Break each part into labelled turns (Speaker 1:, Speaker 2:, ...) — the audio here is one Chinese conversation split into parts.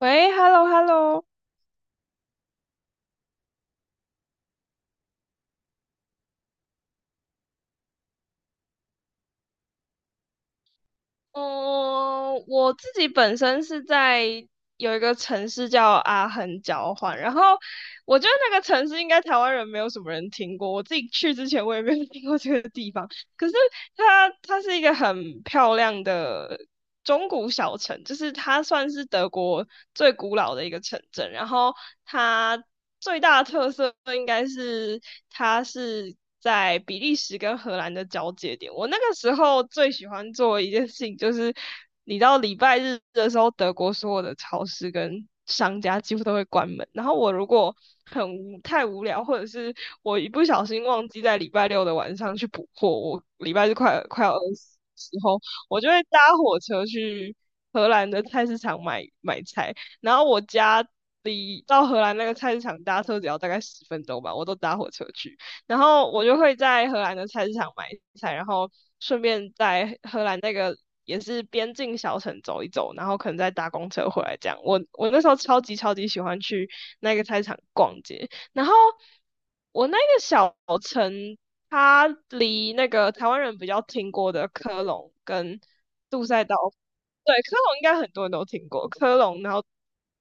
Speaker 1: 喂，hello hello，嗯，我自己本身是在有一个城市叫阿恒交换，然后我觉得那个城市应该台湾人没有什么人听过，我自己去之前我也没有听过这个地方，可是它是一个很漂亮的，中古小城，就是它算是德国最古老的一个城镇，然后它最大的特色应该是它是在比利时跟荷兰的交界点。我那个时候最喜欢做的一件事情就是，你到礼拜日的时候，德国所有的超市跟商家几乎都会关门，然后我如果很无太无聊，或者是我一不小心忘记在礼拜六的晚上去补货，我礼拜日快要饿死的时候，我就会搭火车去荷兰的菜市场买菜，然后我家到荷兰那个菜市场搭车只要大概十分钟吧，我都搭火车去，然后我就会在荷兰的菜市场买菜，然后顺便在荷兰那个，也是边境小城走一走，然后可能再搭公车回来这样。我那时候超级超级喜欢去那个菜市场逛街，然后我那个小城，它离那个台湾人比较听过的科隆跟杜塞岛，对，科隆应该很多人都听过，科隆，然后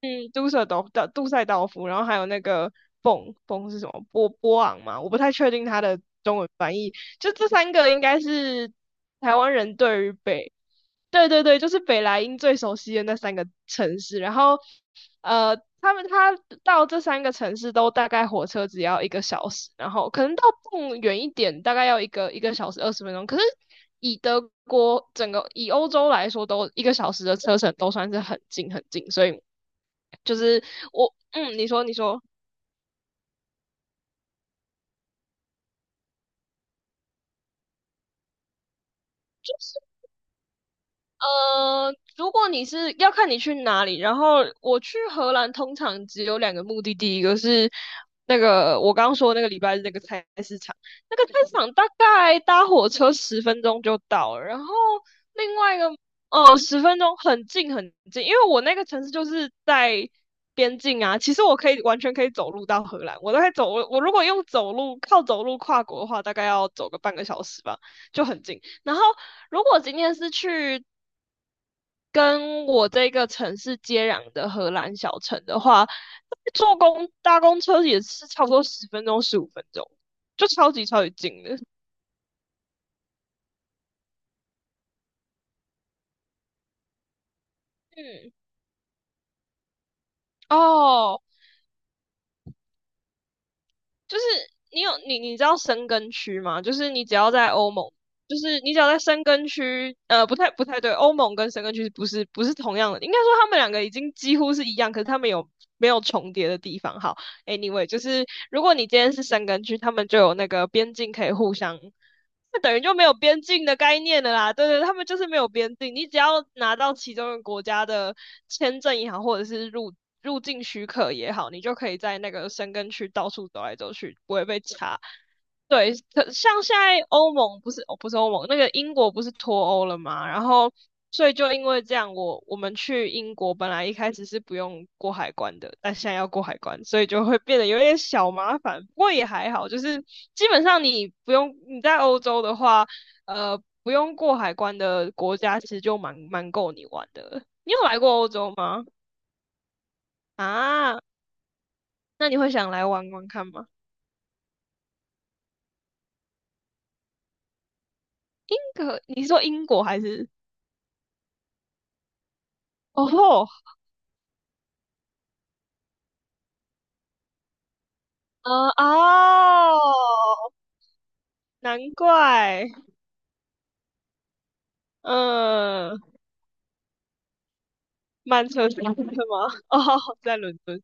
Speaker 1: 杜塞道夫，然后还有那个蹦是什么波昂嘛？我不太确定它的中文翻译。就这三个应该是台湾人对于北，对对对，就是北莱茵最熟悉的那三个城市。然后他们到这三个城市都大概火车只要一个小时，然后可能到蹦远一点，大概要一个小时二十分钟。可是以德国整个以欧洲来说，都一个小时的车程都算是很近很近，所以。就是我，你说，你说。如果你是要看你去哪里，然后我去荷兰通常只有两个目的地，一个是那个我刚刚说那个礼拜日那个菜市场，那个菜市场大概搭火车十分钟就到了，然后另外一个哦，十分钟很近很近，因为我那个城市就是在边境啊，其实我可以完全可以走路到荷兰，我都可以走我如果用走路靠走路跨国的话，大概要走个半个小时吧，就很近。然后如果今天是去跟我这个城市接壤的荷兰小城的话，搭公车也是差不多10分钟、15分钟，就超级超级近的。嗯，哦，就是你有你你知道申根区吗？就是你只要在欧盟，就是你只要在申根区，不太对，欧盟跟申根区不是同样的，应该说他们两个已经几乎是一样，可是他们有没有重叠的地方？好，anyway，就是如果你今天是申根区，他们就有那个边境可以互相，那等于就没有边境的概念了啦。对对，他们就是没有边境，你只要拿到其中一个国家的签证也好，或者是入境许可也好，你就可以在那个申根区到处走来走去，不会被查。对，可像现在欧盟不是，哦，不是欧盟，那个英国不是脱欧了嘛？然后，所以就因为这样，我们去英国本来一开始是不用过海关的，但现在要过海关，所以就会变得有点小麻烦。不过也还好，就是基本上你不用你在欧洲的话，不用过海关的国家其实就蛮够你玩的了。你有来过欧洲吗？啊，那你会想来玩玩看吗？英格，你说英国还是？哦吼，嗯哦，难怪，嗯，曼彻斯特吗？哦，在伦敦，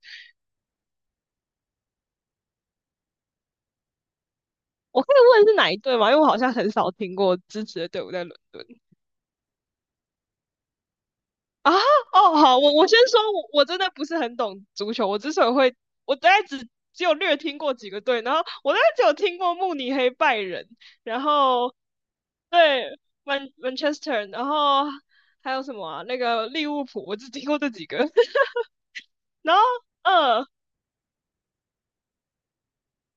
Speaker 1: 我可以问是哪一队吗？因为我好像很少听过支持的队伍在伦敦啊。哦，好，我我先说，我我真的不是很懂足球，我之所以会，我大概只有略听过几个队，然后我大概只有听过慕尼黑拜仁，然后对曼彻斯特，然后还有什么啊？那个利物浦，我只听过这几个，然后。嗯，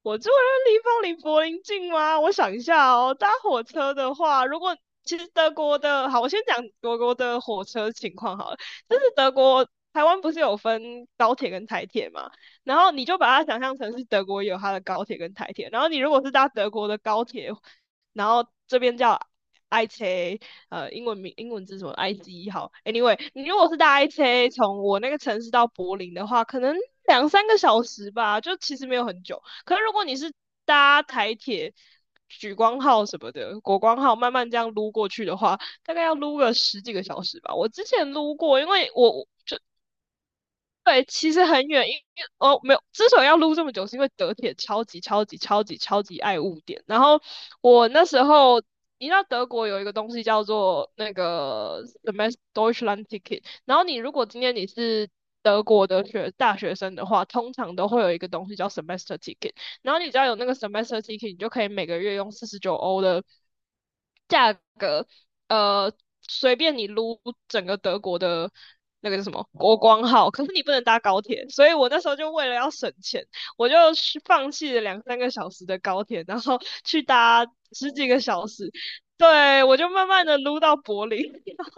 Speaker 1: 我住的地方离柏林近吗？我想一下哦，搭火车的话，如果其实德国的，好，我先讲德国的火车情况好了。就是德国，台湾不是有分高铁跟台铁嘛？然后你就把它想象成是德国有它的高铁跟台铁，然后你如果是搭德国的高铁，然后这边叫 IC，A,英文名英文字什么 IC 好，anyway，你如果是搭 IC A 从我那个城市到柏林的话，可能两三个小时吧，就其实没有很久。可是如果你是搭台铁、莒光号什么的、国光号慢慢这样撸过去的话，大概要撸个十几个小时吧。我之前撸过，因为我对，其实很远，因为哦没有，之所以要录这么久，是因为德铁超级超级超级超级爱误点。然后我那时候，你知道德国有一个东西叫做那个 Semester Deutschland Ticket，然后你如果今天你是德国的大学生的话，通常都会有一个东西叫 Semester Ticket，然后你只要有那个 Semester Ticket，你就可以每个月用49欧的价格呃，随便你撸整个德国的那个叫什么国光号，可是你不能搭高铁，所以我那时候就为了要省钱，我就去放弃了两三个小时的高铁，然后去搭十几个小时，对，我就慢慢的撸到柏林。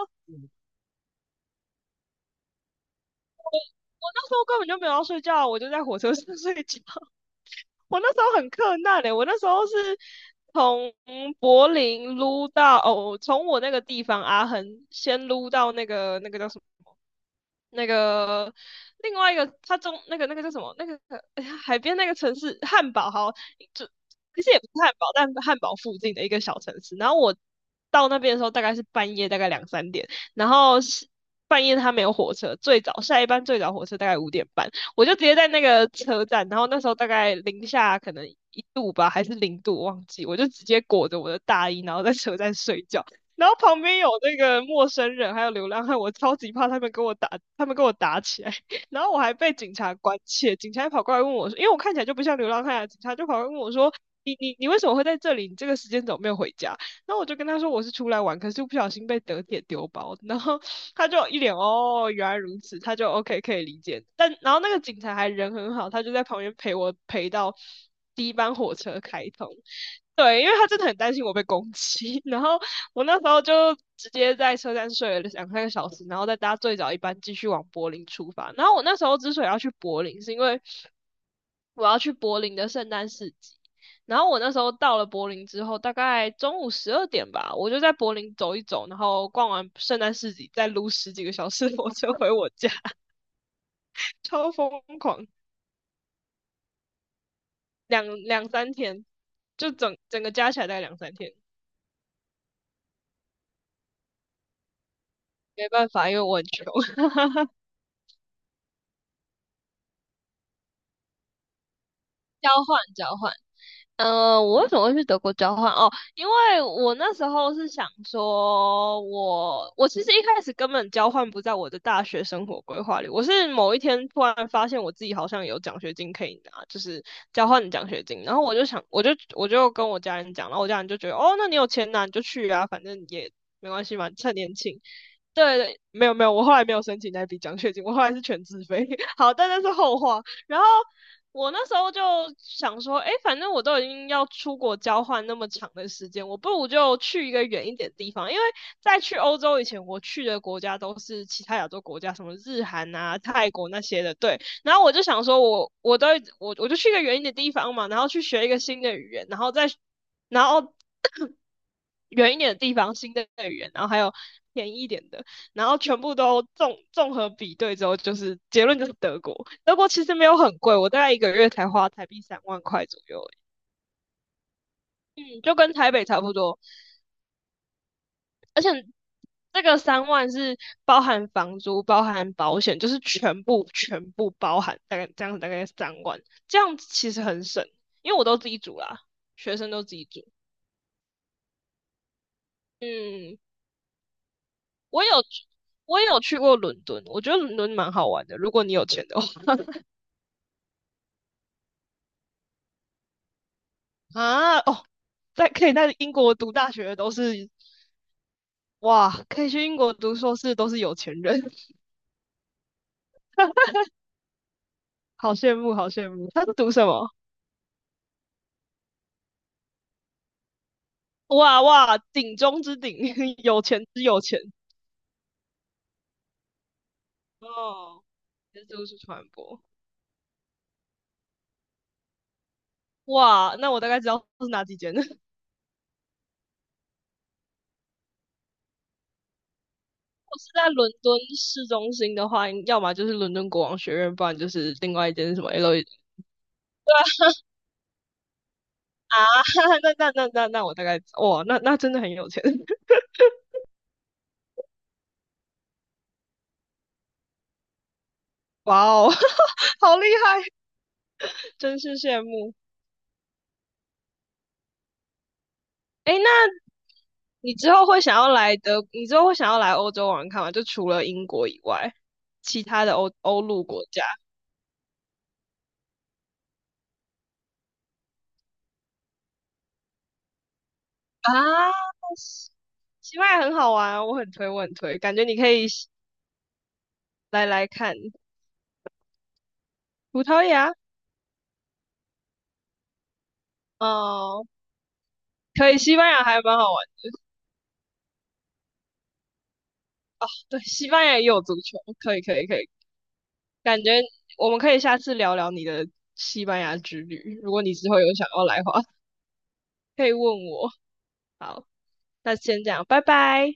Speaker 1: 我那时候根本就没有要睡觉啊，我就在火车上 睡觉。我那时候很困难嘞、我那时候是从柏林撸到哦，从我那个地方阿恒先撸到那个那个叫什么？那个另外一个，他中那个叫什么？那个哎呀海边那个城市汉堡，好，就其实也不是汉堡，但汉堡附近的一个小城市。然后我到那边的时候大概是半夜，大概2、3点。然后是半夜他没有火车，最早下一班最早火车大概5点半，我就直接在那个车站。然后那时候大概零下可能1度吧，还是0度，忘记。我就直接裹着我的大衣，然后在车站睡觉。然后旁边有那个陌生人，还有流浪汉，我超级怕他们跟我打，他们跟我打起来，然后我还被警察关切，警察还跑过来问我说，因为我看起来就不像流浪汉啊，警察就跑过来问我说，你你你为什么会在这里？你这个时间怎么没有回家？然后我就跟他说我是出来玩，可是不小心被德铁丢包，然后他就一脸哦原来如此，他就 OK 可以理解，但然后那个警察还人很好，他就在旁边陪我陪到第一班火车开通。对，因为他真的很担心我被攻击，然后我那时候就直接在车站睡了两三个小时，然后再搭最早一班继续往柏林出发。然后我那时候之所以要去柏林，是因为我要去柏林的圣诞市集。然后我那时候到了柏林之后，大概中午12点吧，我就在柏林走一走，然后逛完圣诞市集，再撸十几个小时 的火车回我家，超疯狂，两三天，就整整个加起来大概两三天。没办法，因为我很穷。交换交换。我为什么会去德国交换？哦，因为我那时候是想说我其实一开始根本交换不在我的大学生活规划里，我是某一天突然发现我自己好像有奖学金可以拿，就是交换的奖学金，然后我就想，我就跟我家人讲，然后我家人就觉得，哦，那你有钱拿你就去啊，反正也没关系嘛，趁年轻。对，对没有没有，我后来没有申请那笔奖学金，我后来是全自费。好，但那是后话。然后我那时候就想说，哎，反正我都已经要出国交换那么长的时间，我不如就去一个远一点的地方。因为在去欧洲以前，我去的国家都是其他亚洲国家，什么日韩啊、泰国那些的。对，然后我就想说我，我我都我我就去一个远一点的地方嘛，然后去学一个新的语言，然后再然后 远一点的地方新的语言，然后还有便宜一点的。然后全部都综合比对之后，就是结论就是德国。德国其实没有很贵，我大概一个月才花台币3万块左右而已，嗯，就跟台北差不多。而且这个三万是包含房租、包含保险，就是全部全部包含，大概这样子大概三万，这样子其实很省，因为我都自己煮啦，学生都自己煮。嗯，我有去我有去过伦敦，我觉得伦敦蛮好玩的，如果你有钱的话啊哦，在可以在英国读大学的都是哇，可以去英国读硕士都是有钱人，好羡慕，好羡慕。他是读什么？哇哇，顶中之顶，有钱之有钱。哦，是都是传播。哇，那我大概知道是哪几间了。如果是在伦敦市中心的话，要么就是伦敦国王学院，不然就是另外一间是什么 LED。那我大概哇，那真的很有钱，哇哦，好厉害，真是羡慕。诶，那你之后会想要来德，你之后会想要来欧洲玩看吗？就除了英国以外，其他的欧陆国家啊，西西班牙很好玩啊我很推，我很推，感觉你可以来看葡萄牙，哦、可以，西班牙还蛮好玩的，对，西班牙也有足球，可以，可以，可以，感觉我们可以下次聊聊你的西班牙之旅，如果你之后有想要来的话，可以问我。好，那先这样，拜拜。